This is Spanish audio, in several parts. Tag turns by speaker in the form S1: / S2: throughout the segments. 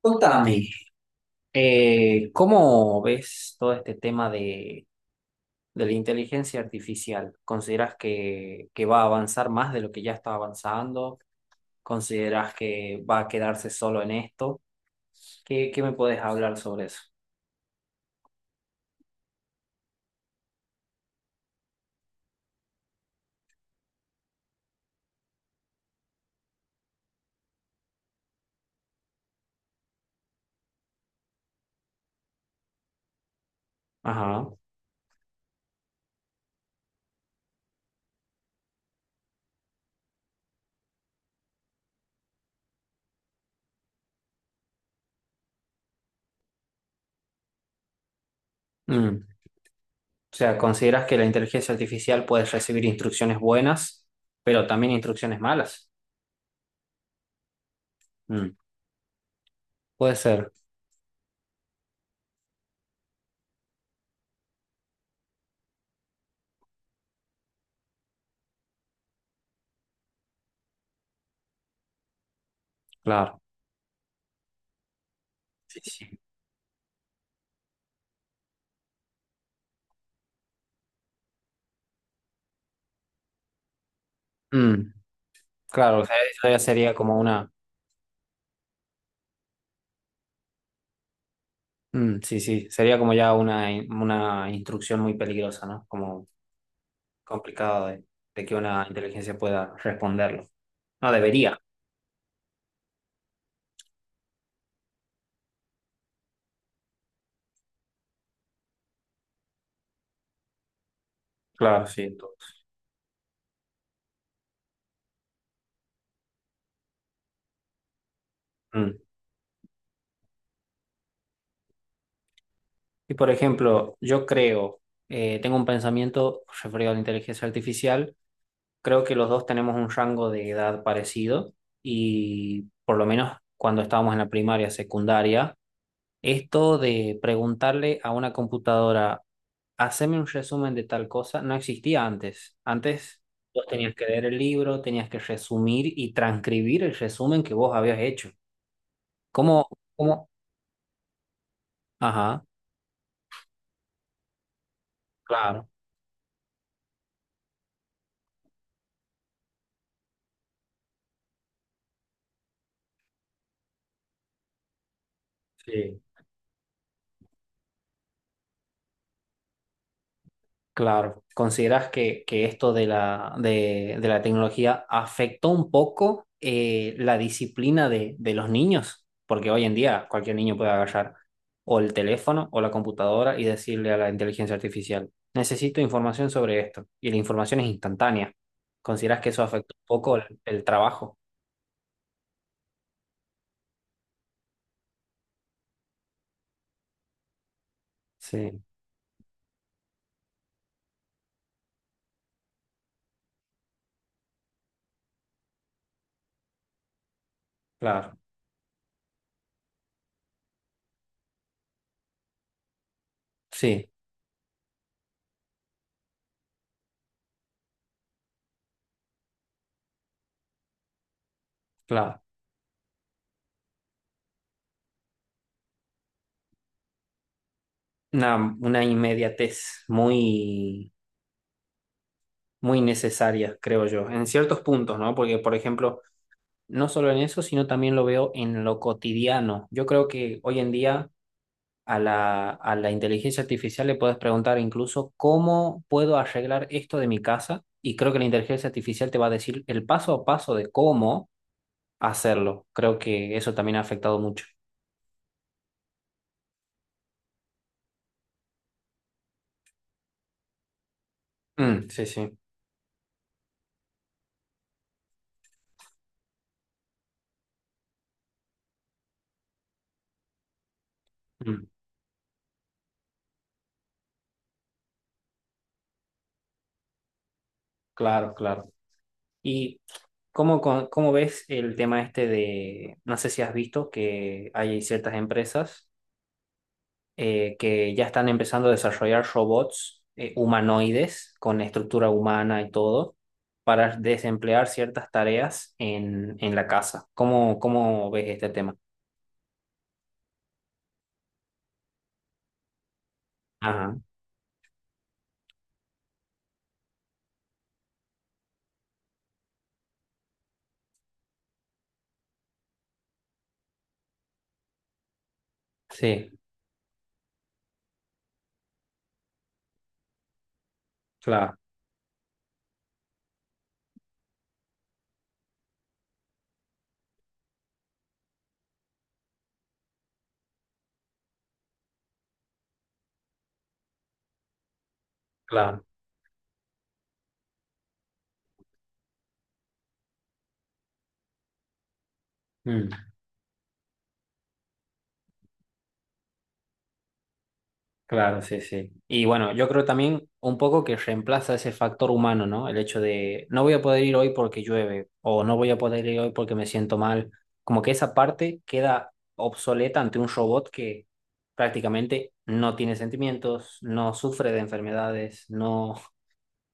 S1: Contame, ¿cómo ves todo este tema de la inteligencia artificial? ¿Consideras que va a avanzar más de lo que ya está avanzando? ¿Consideras que va a quedarse solo en esto? ¿Qué me puedes hablar sobre eso? Ajá. Mm. O sea, ¿consideras que la inteligencia artificial puede recibir instrucciones buenas, pero también instrucciones malas? Mm. Puede ser, claro. Sí, sí. Mm. Claro, o sea, eso ya sería como una... Mm, sí, sí, sería como ya una instrucción muy peligrosa, ¿no? Como complicado de que una inteligencia pueda responderlo. No debería. Claro, sí, entonces. Mm. Y por ejemplo, yo creo, tengo un pensamiento referido a la inteligencia artificial, creo que los dos tenemos un rango de edad parecido y por lo menos cuando estábamos en la primaria, secundaria, esto de preguntarle a una computadora haceme un resumen de tal cosa, no existía antes. Antes vos tenías que leer el libro, tenías que resumir y transcribir el resumen que vos habías hecho. ¿Cómo? ¿Cómo? Ajá, claro. Sí. Claro, ¿consideras que esto de de la tecnología afectó un poco la disciplina de los niños? Porque hoy en día cualquier niño puede agarrar o el teléfono o la computadora y decirle a la inteligencia artificial, necesito información sobre esto. Y la información es instantánea. ¿Consideras que eso afectó un poco el trabajo? Sí, claro, sí, claro. Una, una inmediatez muy, muy necesaria, creo yo, en ciertos puntos, ¿no? Porque, por ejemplo, no solo en eso, sino también lo veo en lo cotidiano. Yo creo que hoy en día a a la inteligencia artificial le puedes preguntar incluso cómo puedo arreglar esto de mi casa y creo que la inteligencia artificial te va a decir el paso a paso de cómo hacerlo. Creo que eso también ha afectado mucho. Mm, sí, sí. Mm, claro, claro. ¿Y cómo ves el tema este de, no sé si has visto que hay ciertas empresas? Eh, que ya están empezando a desarrollar robots humanoides con estructura humana y todo para desemplear ciertas tareas en la casa. ¿Cómo ves este tema? Ajá, sí, claro, claro. Mm. Claro, sí, sí. Y bueno, yo creo también un poco que reemplaza ese factor humano, ¿no? El hecho de no voy a poder ir hoy porque llueve o no voy a poder ir hoy porque me siento mal. Como que esa parte queda obsoleta ante un robot que prácticamente no tiene sentimientos, no sufre de enfermedades, no...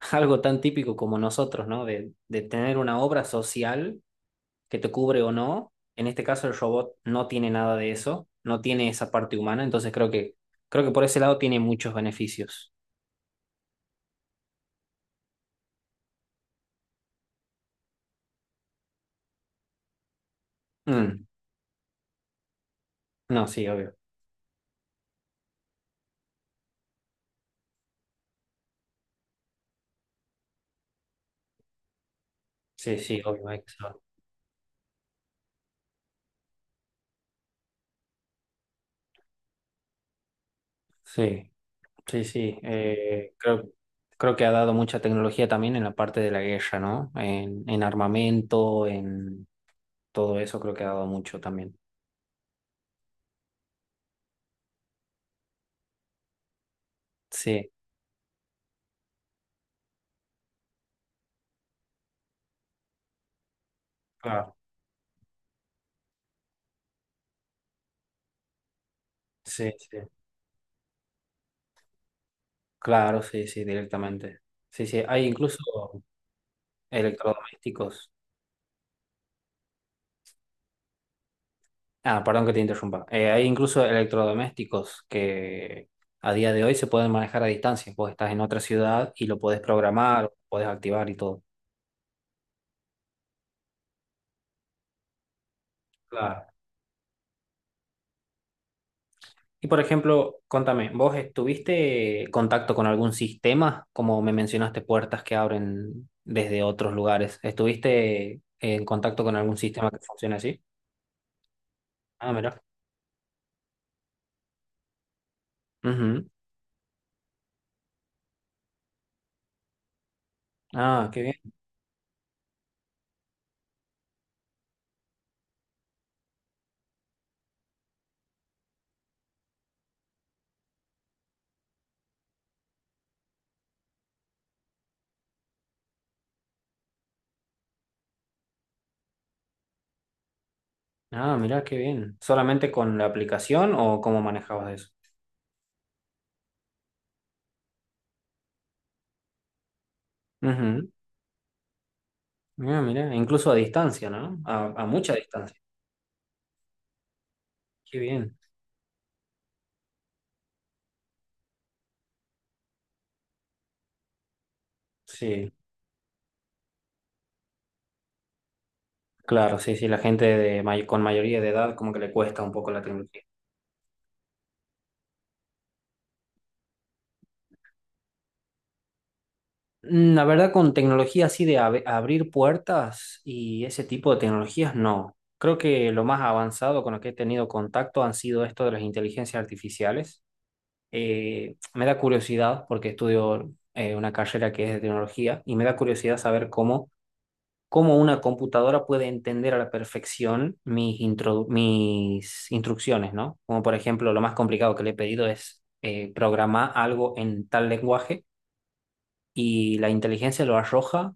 S1: Algo tan típico como nosotros, ¿no? De tener una obra social que te cubre o no. En este caso el robot no tiene nada de eso, no tiene esa parte humana, entonces creo que por ese lado tiene muchos beneficios. Mm. No, sí, obvio. Sí, sí, obvio. Hay que saber. Sí, sí, sí. Eh, creo que ha dado mucha tecnología también en la parte de la guerra, ¿no? En armamento, en todo eso creo que ha dado mucho también. Sí, claro, sí, sí. Claro, sí, sí, directamente. Sí, sí, hay incluso electrodomésticos. Ah, perdón que te interrumpa. Hay incluso electrodomésticos que a día de hoy se pueden manejar a distancia. Vos estás en otra ciudad y lo podés programar, podés activar y todo. Claro. Y por ejemplo, contame, ¿vos estuviste en contacto con algún sistema? Como me mencionaste, puertas que abren desde otros lugares. ¿Estuviste en contacto con algún sistema que funcione así? Ah, mira. Ujú. Ah, qué bien. Ah, mira, qué bien. ¿Solamente con la aplicación o cómo manejabas eso? Mira, mira, incluso a distancia, ¿no? A mucha distancia. Qué bien. Sí, claro, sí, sí, la gente de con mayoría de edad como que le cuesta un poco la tecnología. Mm. La verdad, con tecnología así de abrir puertas y ese tipo de tecnologías, no. Creo que lo más avanzado con lo que he tenido contacto han sido esto de las inteligencias artificiales. Me da curiosidad porque estudio una carrera que es de tecnología y me da curiosidad saber cómo una computadora puede entender a la perfección mis instrucciones, ¿no? Como por ejemplo, lo más complicado que le he pedido es programar algo en tal lenguaje y la inteligencia lo arroja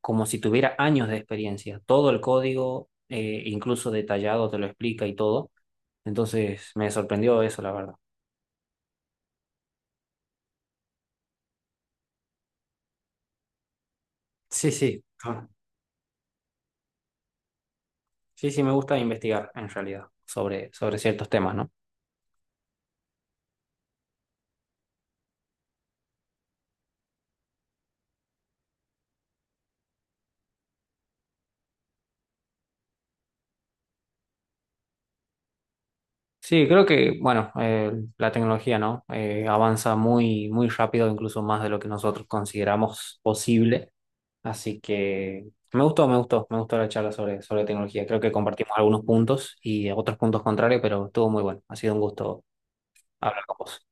S1: como si tuviera años de experiencia. Todo el código, incluso detallado, te lo explica y todo. Entonces, me sorprendió eso, la verdad. Sí, sí. Ah, sí, sí, me gusta investigar en realidad sobre, sobre ciertos temas, ¿no? Sí, creo que, bueno, la tecnología, ¿no? Avanza muy, muy rápido, incluso más de lo que nosotros consideramos posible. Así que me gustó la charla sobre, sobre tecnología. Creo que compartimos algunos puntos y otros puntos contrarios, pero estuvo muy bueno. Ha sido un gusto hablar con vos.